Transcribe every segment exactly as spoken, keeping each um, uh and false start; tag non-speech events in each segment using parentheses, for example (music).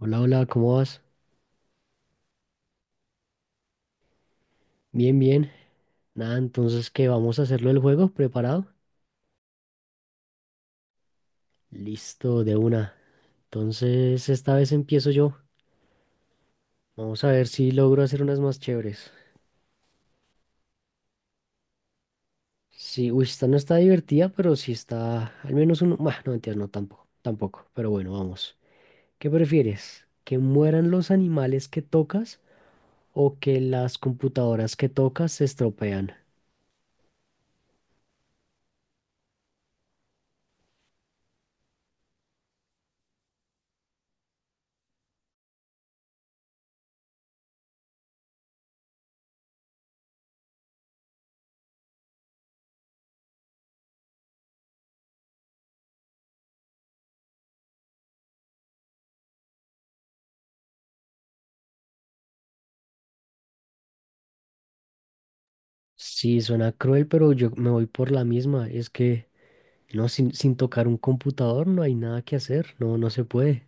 Hola, hola, ¿cómo vas? Bien, bien. Nada, entonces, ¿qué? ¿Vamos a hacerlo el juego? ¿Preparado? Listo, de una. Entonces, esta vez empiezo yo. Vamos a ver si logro hacer unas más chéveres. Sí, uy, esta no está divertida, pero sí está al menos uno. Bah, no, mentiras, no, tampoco. Tampoco, pero bueno, vamos. ¿Qué prefieres? ¿Que mueran los animales que tocas o que las computadoras que tocas se estropean? Sí, suena cruel, pero yo me voy por la misma. Es que no, sin, sin tocar un computador no hay nada que hacer, no, no se puede.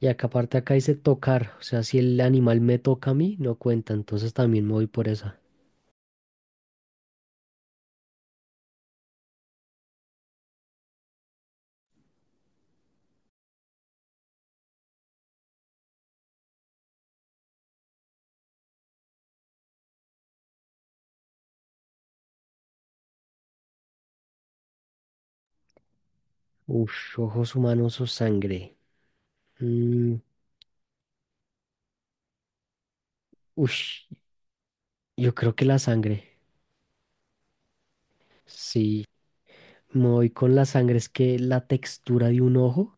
Y acá aparte acá dice tocar, o sea, si el animal me toca a mí, no cuenta, entonces también me voy por esa. Ush, ojos humanos o sangre. Mm, ush, yo creo que la sangre. Sí, me voy con la sangre, es que la textura de un ojo,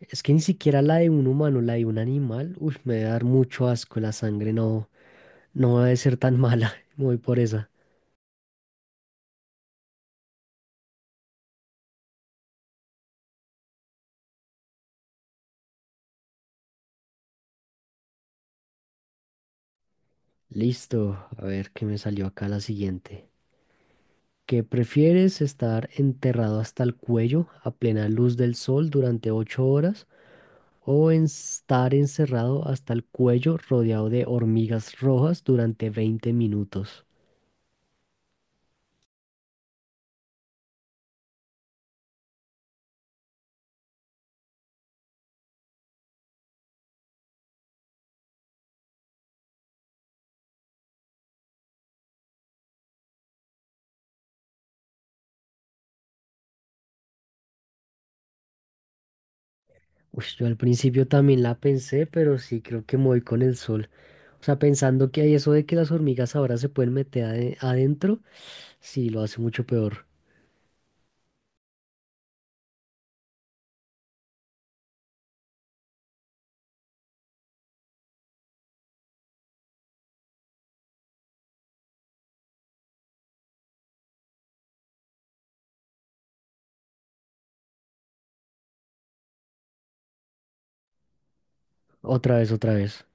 es que ni siquiera la de un humano, la de un animal, uy, me debe dar mucho asco la sangre, no, no debe ser tan mala, (laughs) me voy por esa. Listo, a ver qué me salió acá la siguiente. ¿Que prefieres estar enterrado hasta el cuello a plena luz del sol durante ocho horas o en- estar encerrado hasta el cuello rodeado de hormigas rojas durante veinte minutos? Uy, yo al principio también la pensé, pero sí creo que me voy con el sol. O sea, pensando que hay eso de que las hormigas ahora se pueden meter ade- adentro, sí, lo hace mucho peor. Otra vez, otra vez.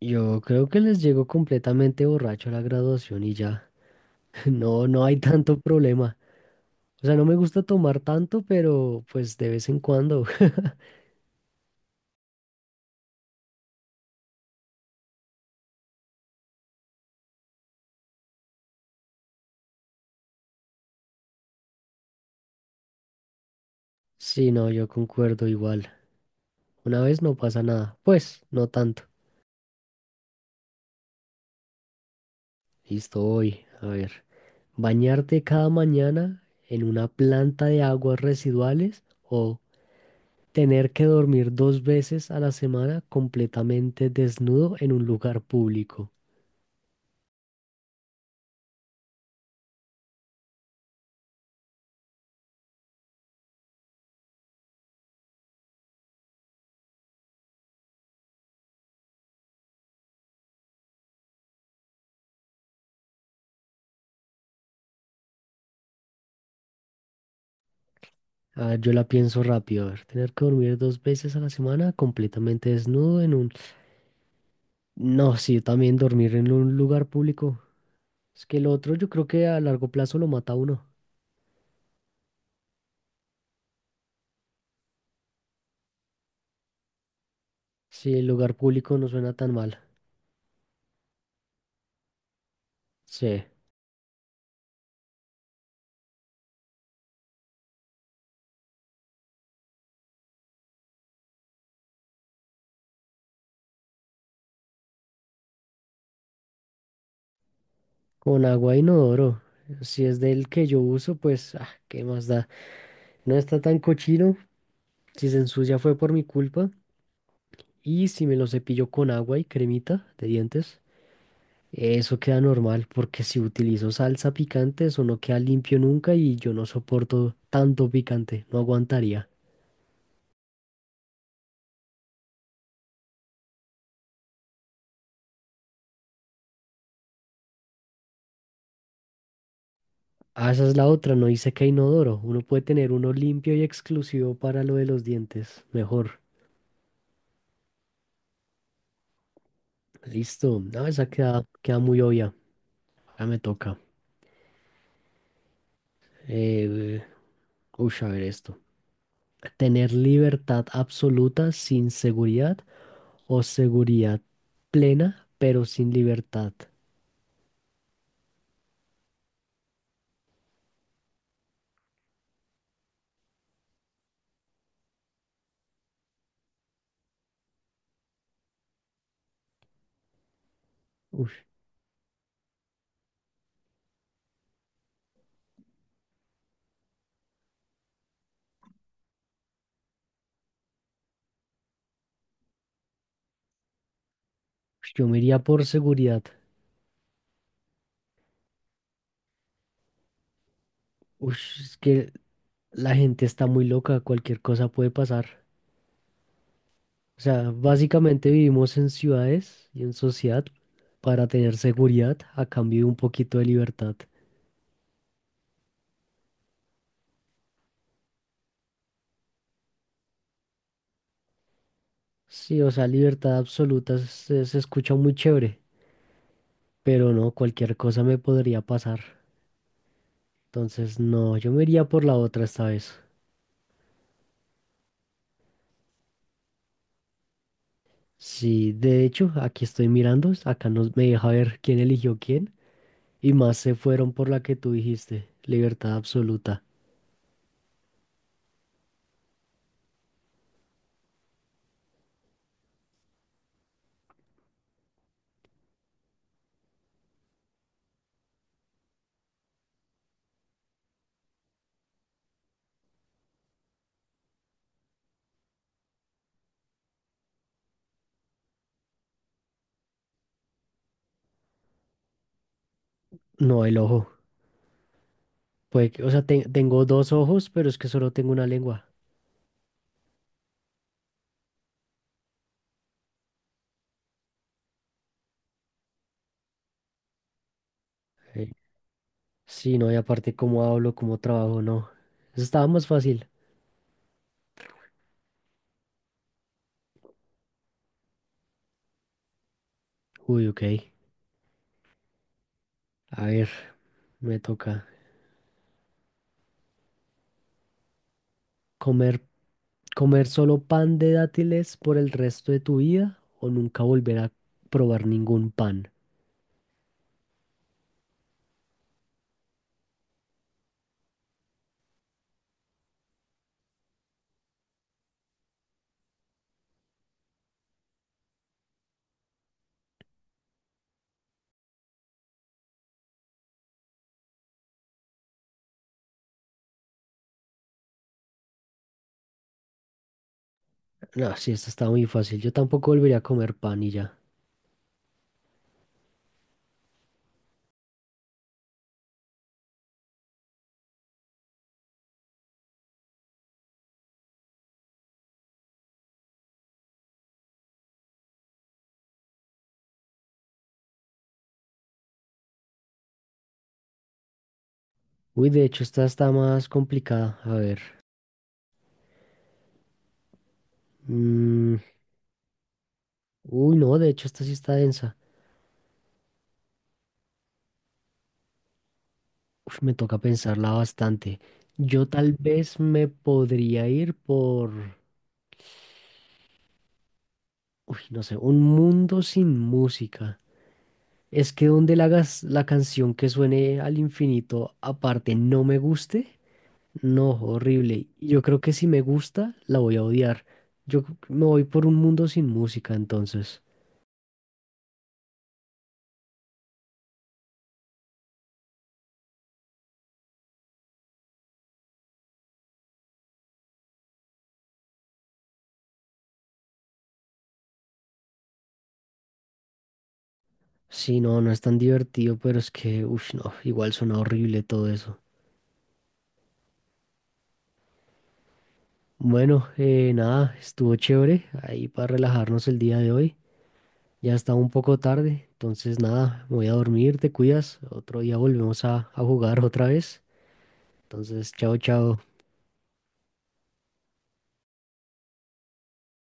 Yo creo que les llego completamente borracho a la graduación y ya. (laughs) No, no hay tanto problema. O sea, no me gusta tomar tanto, pero pues de vez en cuando. (laughs) Sí, no, yo concuerdo igual. Una vez no pasa nada. Pues, no tanto. Listo, hoy. A ver. Bañarte cada mañana en una planta de aguas residuales o tener que dormir dos veces a la semana completamente desnudo en un lugar público. A ver, yo la pienso rápido. A ver, tener que dormir dos veces a la semana completamente desnudo en un... No, sí, también dormir en un lugar público. Es que el otro yo creo que a largo plazo lo mata a uno. Si el lugar público no suena tan mal. Sí, con agua e inodoro. Si es del que yo uso, pues, ah, ¿qué más da? No está tan cochino. Si se ensucia fue por mi culpa. Y si me lo cepillo con agua y cremita de dientes, eso queda normal, porque si utilizo salsa picante, eso no queda limpio nunca y yo no soporto tanto picante, no aguantaría. Ah, esa es la otra, no dice que hay inodoro. Uno puede tener uno limpio y exclusivo para lo de los dientes. Mejor. Listo. No, esa queda, queda muy obvia. Ya me toca. Eh, uy, a ver esto. Tener libertad absoluta sin seguridad o seguridad plena, pero sin libertad. Uy, yo me iría por seguridad. Uy, es que la gente está muy loca, cualquier cosa puede pasar. O sea, básicamente vivimos en ciudades y en sociedad para tener seguridad a cambio de un poquito de libertad. Sí, o sea, libertad absoluta se, se escucha muy chévere, pero no, cualquier cosa me podría pasar. Entonces, no, yo me iría por la otra esta vez. Sí, de hecho, aquí estoy mirando, acá nos, me deja ver quién eligió quién, y más se fueron por la que tú dijiste, libertad absoluta. No, el ojo. Puede que- o sea, te- tengo dos ojos, pero es que solo tengo una lengua. Sí, no, y aparte cómo hablo, cómo trabajo, no. Eso estaba más fácil. Uy, ok. A ver, me toca. ¿Comer, comer solo pan de dátiles por el resto de tu vida o nunca volver a probar ningún pan? No, sí, esta está muy fácil. Yo tampoco volvería a comer pan y ya. Uy, de hecho, esta está más complicada. A ver. Mm, Uy, no, de hecho, esta sí está densa. Uf, me toca pensarla bastante. Yo tal vez me podría ir por... Uy, no sé, un mundo sin música. Es que donde la, hagas- la canción que suene al infinito aparte no me guste, no, horrible. Y yo creo que si me gusta, la voy a odiar. Yo c- me voy por un mundo sin música, entonces. Sí, no, no es tan divertido, pero es que, uff, no, igual suena horrible todo eso. Bueno, eh, nada, estuvo chévere ahí para relajarnos el día de hoy. Ya está un poco tarde, entonces nada, me voy a dormir, te cuidas. Otro día volvemos a, a jugar otra vez. Entonces, chao, chao.